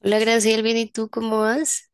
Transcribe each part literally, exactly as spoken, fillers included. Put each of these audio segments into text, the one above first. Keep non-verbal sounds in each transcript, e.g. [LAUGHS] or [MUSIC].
Hola, Graciela, bien, ¿y tú cómo vas?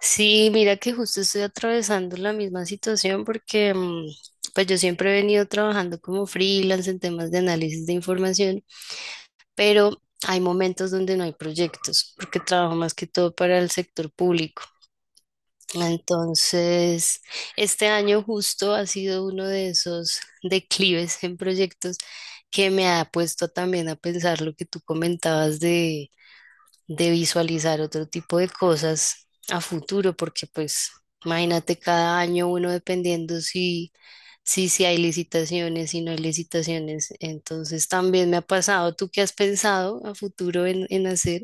Sí, mira que justo estoy atravesando la misma situación porque mm, pues yo siempre he venido trabajando como freelance en temas de análisis de información, pero hay momentos donde no hay proyectos porque trabajo más que todo para el sector público. Entonces, este año justo ha sido uno de esos declives en proyectos que me ha puesto también a pensar lo que tú comentabas de visualizar otro tipo de cosas a futuro, porque pues imagínate cada año uno dependiendo si, si, si hay licitaciones, si no hay licitaciones. Entonces también me ha pasado, ¿tú qué has pensado a futuro en, en hacer?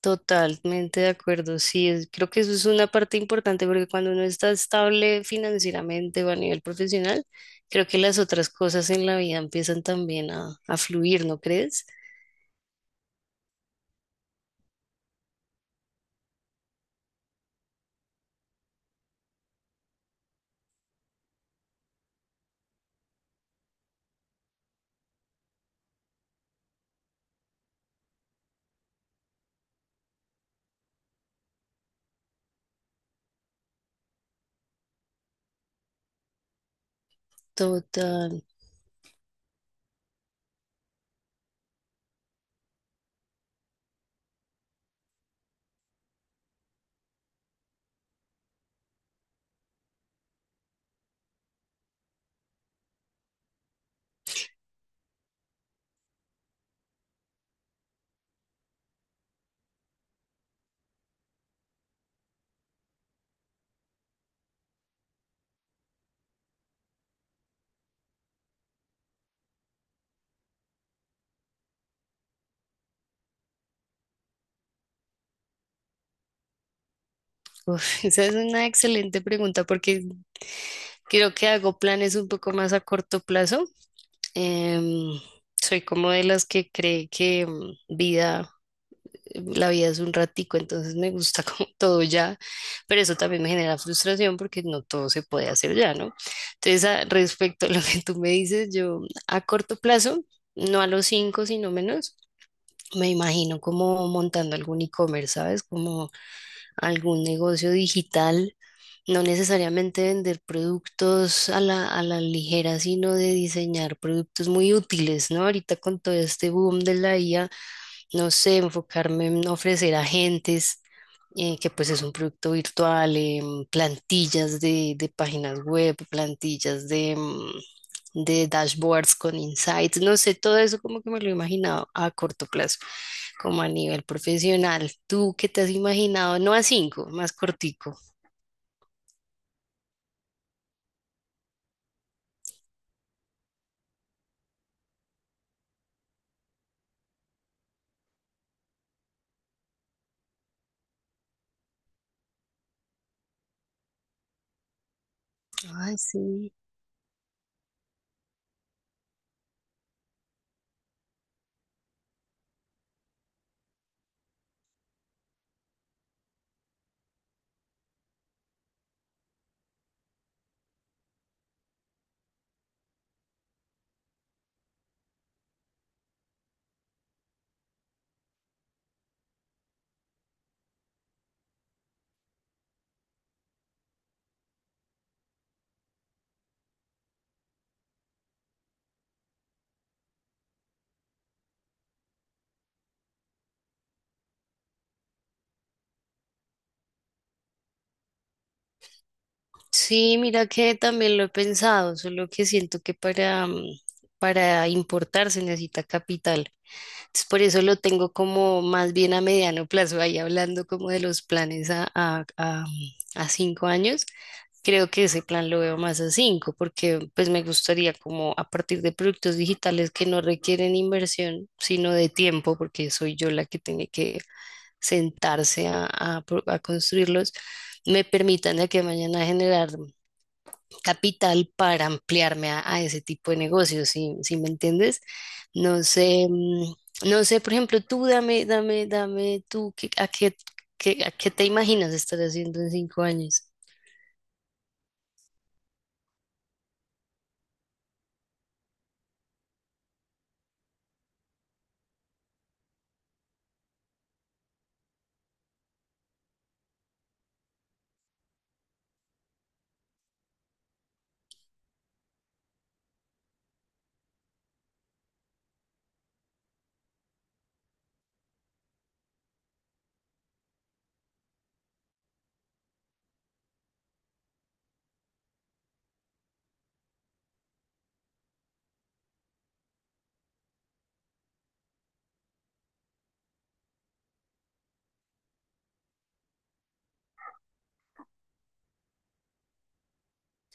Totalmente de acuerdo, sí, es- creo que eso es una parte importante porque cuando uno está estable financieramente o a nivel profesional, creo que las otras cosas en la vida empiezan también a, a fluir, ¿no crees? Total. Uf, esa es una excelente pregunta porque creo que hago planes un poco más a corto plazo. Em, soy como de las que cree que mm, vida, la vida es un ratico, entonces me gusta [LAUGHS] como todo ya, pero eso también me genera frustración porque no todo se puede hacer ya, ¿no? Entonces, a- respecto a lo que tú me dices, yo a corto plazo, no a los cinco, sino menos. Me imagino como montando algún e-commerce, ¿sabes? Como algún negocio digital no necesariamente vender productos a la, a la ligera, sino de diseñar productos muy útiles, ¿no? Ahorita con todo este boom de la I A, no sé, enfocarme en ofrecer agentes, eh, que pues es un producto virtual, em, plantillas de, de páginas web, plantillas de, mm, de dashboards con insights, no sé, todo eso como que me lo imaginaba a corto plazo, como a nivel profesional. ¿Tú qué te has imaginado? No a cinco, más cortico. Ay, sí. Sí, mira que también lo he pensado, solo que siento que para, mm, para importar se necesita capital. Entonces, por eso lo tengo como más bien a mediano plazo, ahí hablando como de los planes a, a, a, a cinco años. Creo que ese plan lo veo más a cinco, porque pues me gustaría como a partir de productos digitales que no requieren inversión, sino de tiempo, porque soy yo la que tiene que sentarse a, a pro- a construirlos, me permitan de aquí a mañana generar capital para ampliarme a, a ese tipo de negocios, sí, sí me entiendes. No sé, mm, no sé, por ejemplo, tú dame, dame, dame, tú, ¿qué- a qué, qué- a qué te imaginas estar haciendo en cinco años?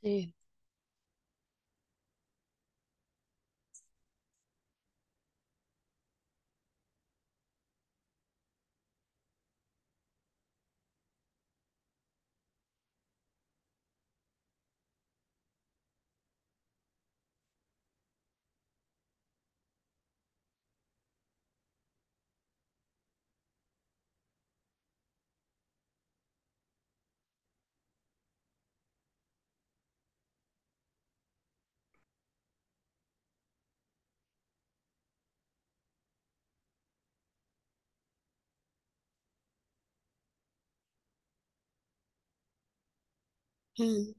Sí, mm,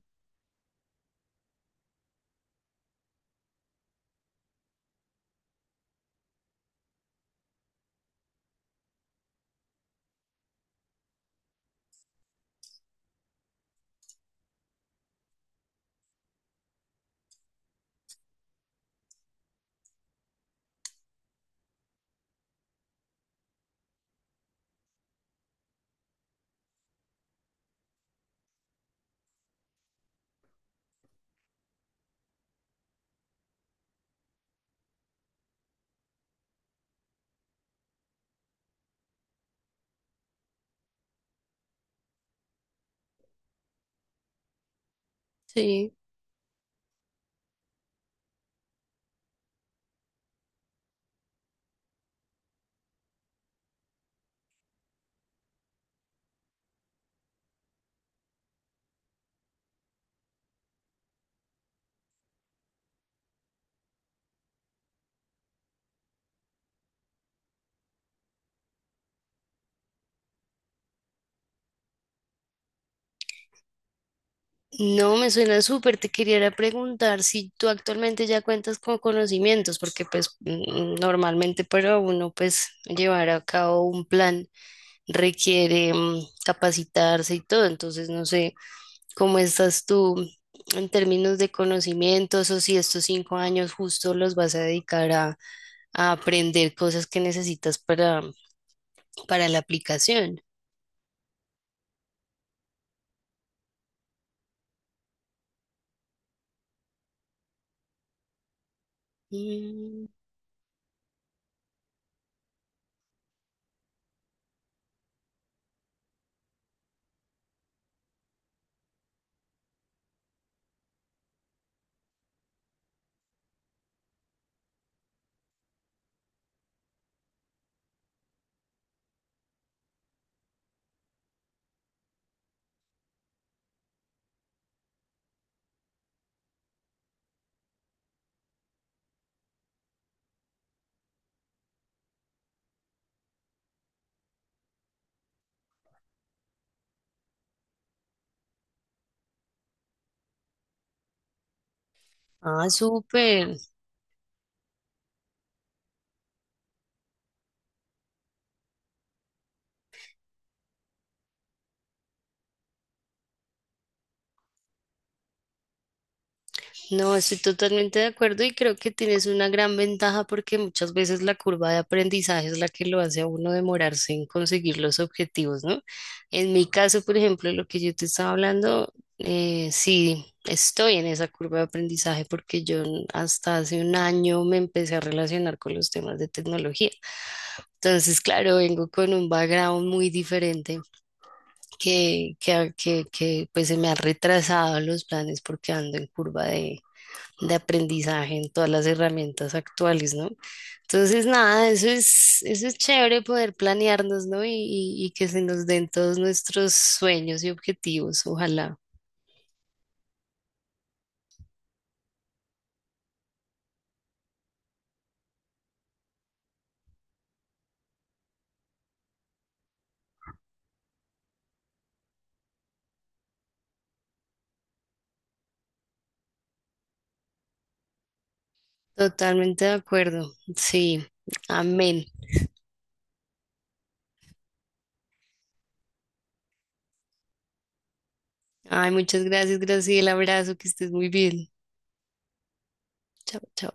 sí. No, me suena súper. Te quería era preguntar si tú actualmente ya cuentas con conocimientos, porque pues mm, normalmente para uno pues llevar a cabo un plan requiere mm, capacitarse y todo. Entonces, no sé. ¿Cómo estás tú en términos de conocimientos o si estos cinco años justo los vas a dedicar a, a aprender cosas que necesitas para, para la aplicación? Mm, ah, súper. No, estoy totalmente de acuerdo y creo que tienes una gran ventaja porque muchas veces la curva de aprendizaje es la que lo hace a uno demorarse en conseguir los objetivos, ¿no? En mi caso, por ejemplo, lo que yo te estaba hablando, eh, sí, estoy en esa curva de aprendizaje porque yo hasta hace un año me empecé a relacionar con los temas de tecnología. Entonces, claro, vengo con un background muy diferente que, que, que, que pues se me ha retrasado los planes porque ando en curva de aprendizaje en todas las herramientas actuales, ¿no? Entonces, nada, eso es, eso es chévere poder planearnos, ¿no? Y, y- y que se nos den todos nuestros sueños y objetivos, ojalá. Totalmente de acuerdo. Sí, amén. Ay, muchas gracias, Graciela. Abrazo, que estés muy bien. Chao, chao.